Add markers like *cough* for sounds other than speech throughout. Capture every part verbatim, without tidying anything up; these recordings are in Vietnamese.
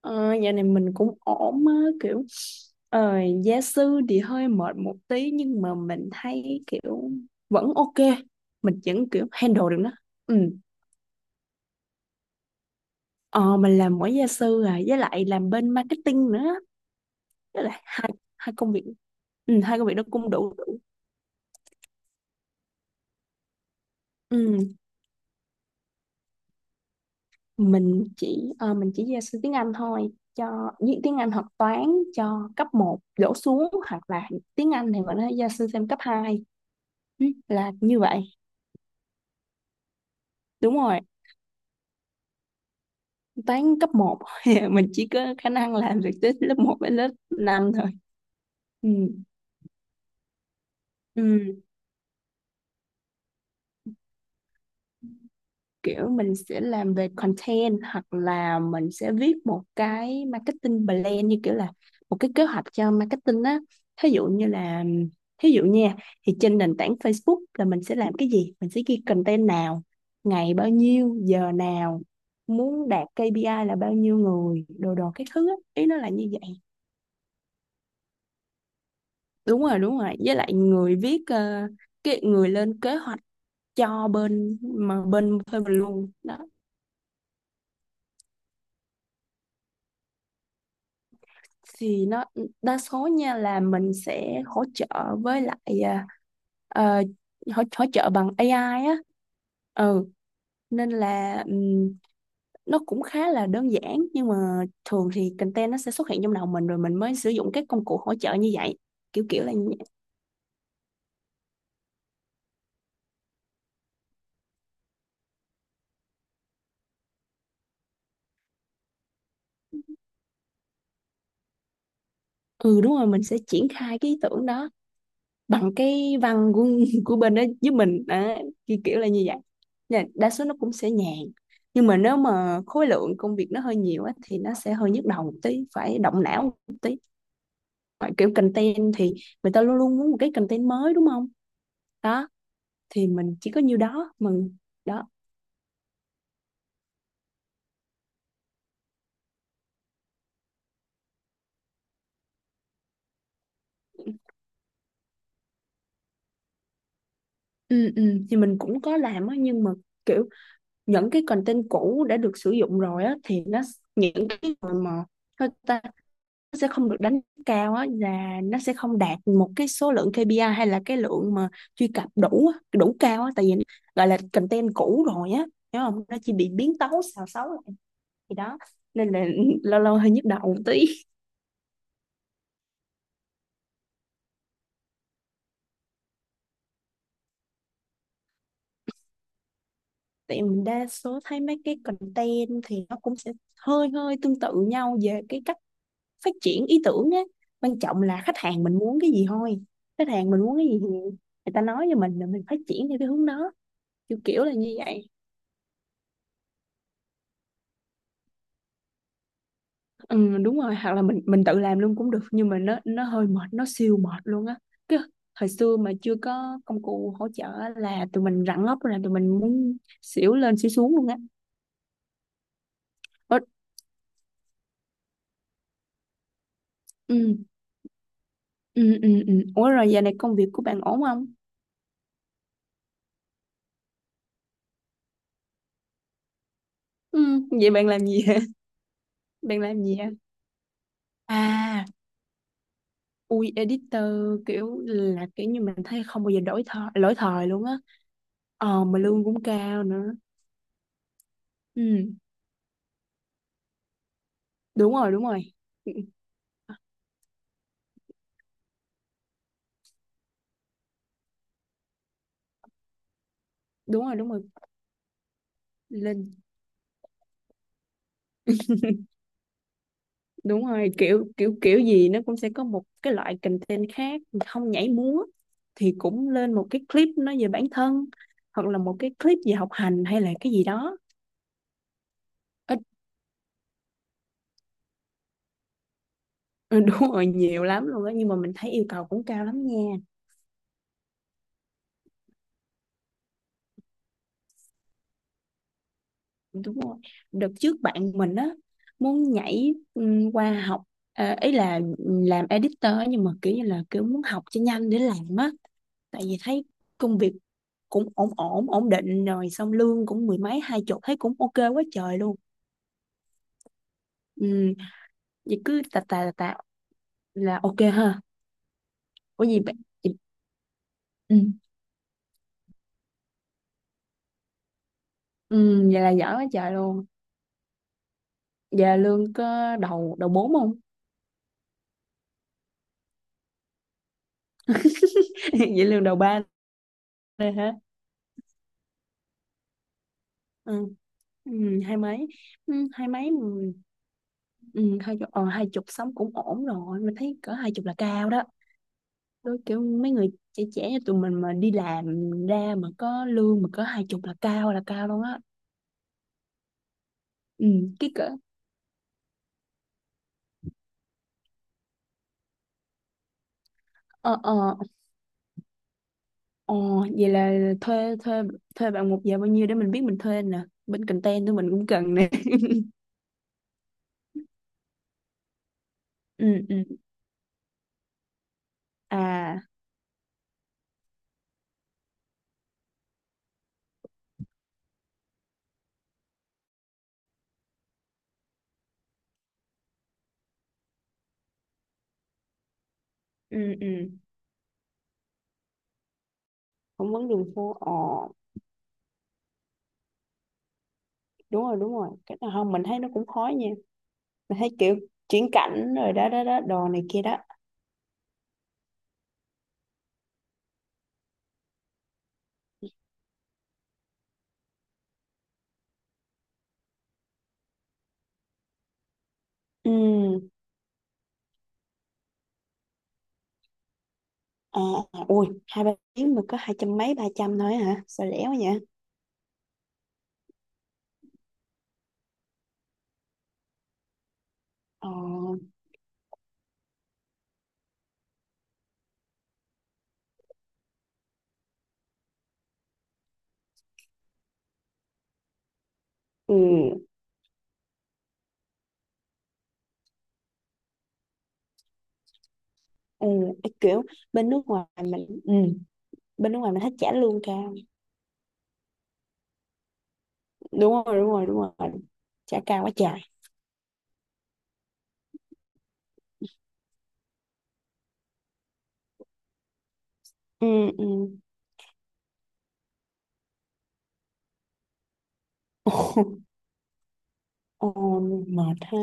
Ờ, Dạo này mình cũng ổn á, kiểu ờ, gia sư thì hơi mệt một tí, nhưng mà mình thấy kiểu vẫn ok, mình vẫn kiểu handle được nó. Ừ. ờ, mình làm mỗi gia sư à, với lại làm bên marketing nữa, với lại hai hai công việc. Ừ, hai công việc đó cũng đủ đủ. Ừ. Mình chỉ ờ, mình chỉ gia sư tiếng Anh thôi, cho với tiếng Anh hoặc toán, cho cấp một đổ xuống, hoặc là tiếng Anh thì mình nói gia sư thêm cấp hai. Ừ, là như vậy. Đúng rồi. Toán cấp một. *laughs* Mình chỉ có khả năng làm được tới lớp một đến lớp năm thôi. Ừ. Ừ. Kiểu mình sẽ làm về content, hoặc là mình sẽ viết một cái marketing plan, như kiểu là một cái kế hoạch cho marketing á. thí dụ như là Thí dụ nha, thì trên nền tảng Facebook là mình sẽ làm cái gì, mình sẽ ghi content nào, ngày bao nhiêu giờ nào, muốn đạt kê pi ai là bao nhiêu người, đồ đồ cái thứ á, ý nó là như vậy. Đúng rồi, đúng rồi, với lại người viết, ờ, cái người lên kế hoạch cho bên mà bên thuê mình luôn đó. Thì nó đa số nha là mình sẽ hỗ trợ, với lại ờ, ờ, hỗ, hỗ trợ bằng a i á. ừ Nên là, ừm, nó cũng khá là đơn giản, nhưng mà thường thì content nó sẽ xuất hiện trong đầu mình rồi mình mới sử dụng các công cụ hỗ trợ như vậy, kiểu kiểu là như vậy. Ừ, đúng rồi, mình sẽ triển khai cái ý tưởng đó bằng cái văn của của bên đó giúp mình à, kiểu kiểu là như vậy. Nên là đa số nó cũng sẽ nhàn, nhưng mà nếu mà khối lượng công việc nó hơi nhiều á, thì nó sẽ hơi nhức đầu một tí, phải động não một tí. Ngoài kiểu content thì người ta luôn luôn muốn một cái content mới, đúng không? Đó, thì mình chỉ có nhiêu đó mình, đó. Ừ, ừ. Thì mình cũng có làm á, nhưng mà kiểu những cái content cũ đã được sử dụng rồi á thì nó, những cái mà mà sao ta? Sẽ không được đánh cao á, là nó sẽ không đạt một cái số lượng kê pi ai, hay là cái lượng mà truy cập đủ á, đủ cao á, tại vì gọi là content cũ rồi á, hiểu không, nó chỉ bị biến tấu xào xáo lại. Thì đó, nên là *laughs* lâu lâu hơi nhức đầu một tí. Tại mình đa số thấy mấy cái content thì nó cũng sẽ hơi hơi tương tự nhau về cái cách phát triển ý tưởng á. Quan trọng là khách hàng mình muốn cái gì thôi. Khách hàng mình muốn cái gì thì người ta nói cho mình là mình phát triển theo cái hướng đó, kiểu kiểu là như vậy. Ừ, đúng rồi, hoặc là mình mình tự làm luôn cũng được, nhưng mà nó nó hơi mệt, nó siêu mệt luôn á. Cái thời xưa mà chưa có công cụ hỗ trợ á, là tụi mình rặn ốc, là tụi mình muốn xỉu lên xỉu xuống luôn á. Ủa, ừ, ừ, ừ, ừ. Ủa, rồi giờ này công việc của bạn ổn không? Ừ, vậy bạn làm gì hả? *laughs* Bạn làm gì hả? À, ui, editor, kiểu là kiểu như mình thấy không bao giờ đổi thời lỗi thời luôn á. Ờ mà lương cũng cao nữa. Ừ, đúng rồi, đúng rồi. Ừ, đúng rồi, đúng rồi. lên Đúng rồi, kiểu kiểu kiểu gì nó cũng sẽ có một cái loại content khác, không nhảy múa thì cũng lên một cái clip nói về bản thân, hoặc là một cái clip về học hành hay là cái gì đó. Ít. *laughs* Ừ, đúng rồi, nhiều lắm luôn á, nhưng mà mình thấy yêu cầu cũng cao lắm nha. Đúng rồi. Đợt trước bạn mình á muốn nhảy ừm, qua học, ờ, ý là làm editor á, nhưng mà kiểu như là kiểu muốn học cho nhanh để làm á, tại vì thấy công việc cũng ổn ổn ổn định rồi, xong lương cũng mười mấy hai chục, thấy cũng ok quá trời luôn. Ừ, vậy cứ tà tà tà tà là ok ha. Có gì bạn vậy- ừ, ừ, vậy là giỏi quá trời luôn. Vậy là lương có đầu đầu bốn không? *laughs* Vậy lương đầu ba đây hả? Ừ. Ừ, hai mấy. Ừ, hai mấy. Ừ, ừ, hai chục. ờ, Hai chục sống cũng ổn rồi, mình thấy cỡ hai chục là cao đó. Đôi kiểu mấy người trẻ trẻ như tụi mình mà đi làm ra mà có lương mà có hai chục là cao, là cao luôn á. Ừ, cái cỡ ờ ờ ờ vậy là thuê thuê thuê bạn một giờ bao nhiêu để mình biết mình thuê nè, bên content tụi mình cũng cần nè. *laughs* Ừ, ừ, à, ừ, ừ, phỏng vấn đường phố. Ờ, đúng rồi, đúng rồi, cái nào không mình thấy nó cũng khó nha. Mình thấy kiểu chuyển cảnh rồi đó đó đó, đồ này kia đó. Ừ, à, à, ui, hai ba tiếng mà có hai trăm mấy ba trăm thôi hả, sao rẻ quá vậy? Ờ, ừ, ừ, ấy kiểu bên nước ngoài mình ừ, bên nước ngoài mình thích trả lương cao. Đúng rồi, đúng rồi, đúng rồi, trả cao quá trời. Ừ, ừ. *laughs* Ồ, mệt ha.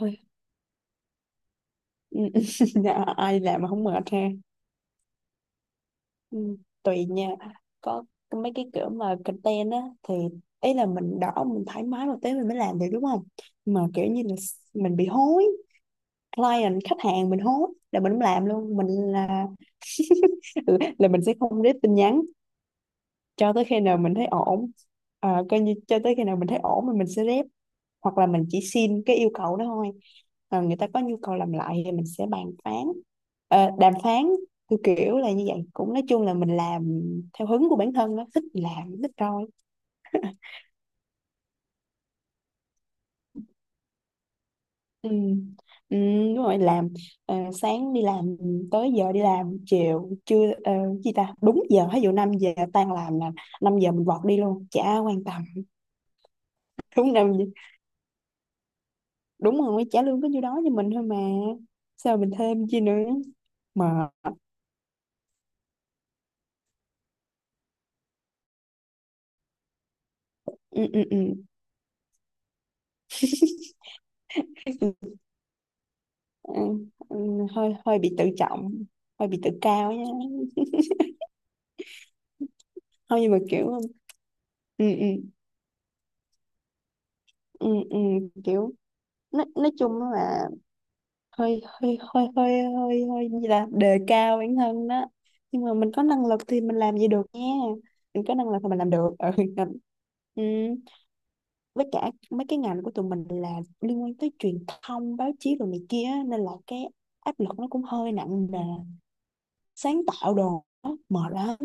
Thôi. Ừ, *laughs* dạ, ai làm mà không mệt ha. Ừ, tùy nha. Có có mấy cái kiểu mà content á thì ý là mình đỏ mình thoải mái một tí mình mới làm được, đúng không? Mà kiểu như là mình bị hối, client khách hàng mình hối là mình không làm luôn, mình là *laughs* là mình sẽ không rep tin nhắn cho tới khi nào mình thấy ổn. À, coi như cho tới khi nào mình thấy ổn thì mình sẽ rep, hoặc là mình chỉ xin cái yêu cầu đó thôi. À, người ta có nhu cầu làm lại thì mình sẽ bàn phán Ờ, đàm phán, kiểu kiểu là như vậy, cũng nói chung là mình làm theo hứng của bản thân, nó thích thì làm thích rồi. Ừ. Ừ, đúng rồi, làm, ờ, sáng đi làm tới giờ đi làm chiều, trưa chưa gì ta đúng giờ, ví dụ năm giờ tan làm là năm giờ mình vọt đi luôn, chả quan tâm. *laughs* Đúng năm giờ. Đúng rồi, trả lương có nhiêu đó cho mình thôi mà sao mình thêm chi nữa. Mà, ừ, ừ, ừ. Ừ, ừ, hơi hơi bị tự trọng, hơi bị tự cao nha. Không, nhưng mà kiểu, ừ, ừ, ừ, ừ, kiểu nói, nói chung là hơi hơi hơi hơi hơi hơi gì là đề cao bản thân đó. Nhưng mà mình có năng lực thì mình làm gì được nha. Mình có năng lực thì mình làm được. Ừ, ừ. Với cả mấy cái ngành của tụi mình là liên quan tới truyền thông báo chí rồi này kia á, nên là cái áp lực nó cũng hơi nặng nề. Sáng tạo đồ á, mệt lắm.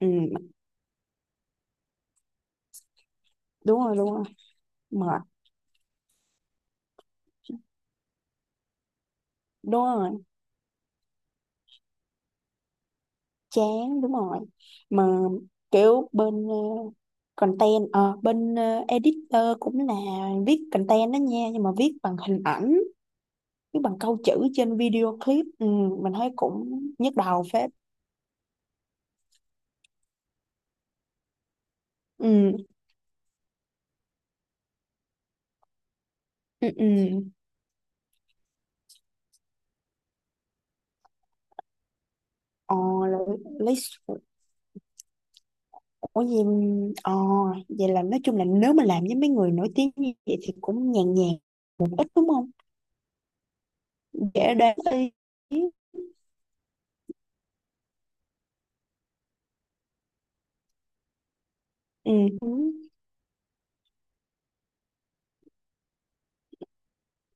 Ừ, đúng rồi, đúng rồi. Mệt. Đúng rồi, chán. Đúng rồi. Mà kiểu bên ờ, content, ờ, bên ờ, editor cũng là viết content đó nha, nhưng mà viết bằng hình ảnh, viết bằng câu chữ trên video clip. Ừ, mình thấy cũng nhức đầu phết. Ừ, ừ, ừ. Ờ, lấy, lấy Ủa gì, ờ, vậy là nói chung là nếu mà làm với mấy người nổi tiếng như vậy thì cũng nhàn nhàn một ít, đúng không? Dễ đoán ý. Ừ.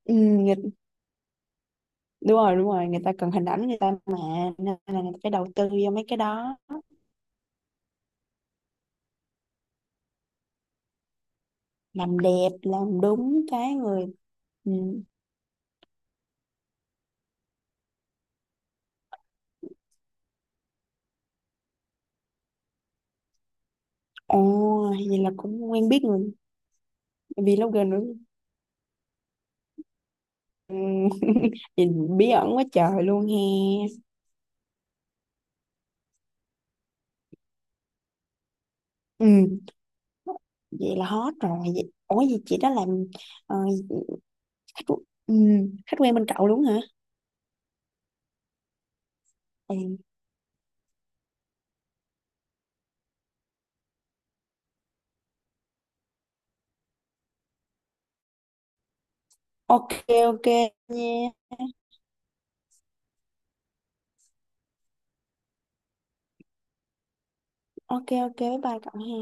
Ừ, người, đúng rồi, đúng rồi, người ta cần hình ảnh người ta mà, nên là người ta phải đầu tư vô mấy cái đó. Làm đẹp làm đúng cái người. Ừ. Ồ, vậy là cũng quen biết người vlogger nữa. Ừ. *laughs* Vậy bí ẩn quá trời luôn he. Ừ. Vậy là hot rồi vậy. Ủa, vậy chị đó làm, ờ, khách ừ, khách quen bên cậu đúng hả? Ừ. Ok ok nha, ok ok, bye bye cậu ha.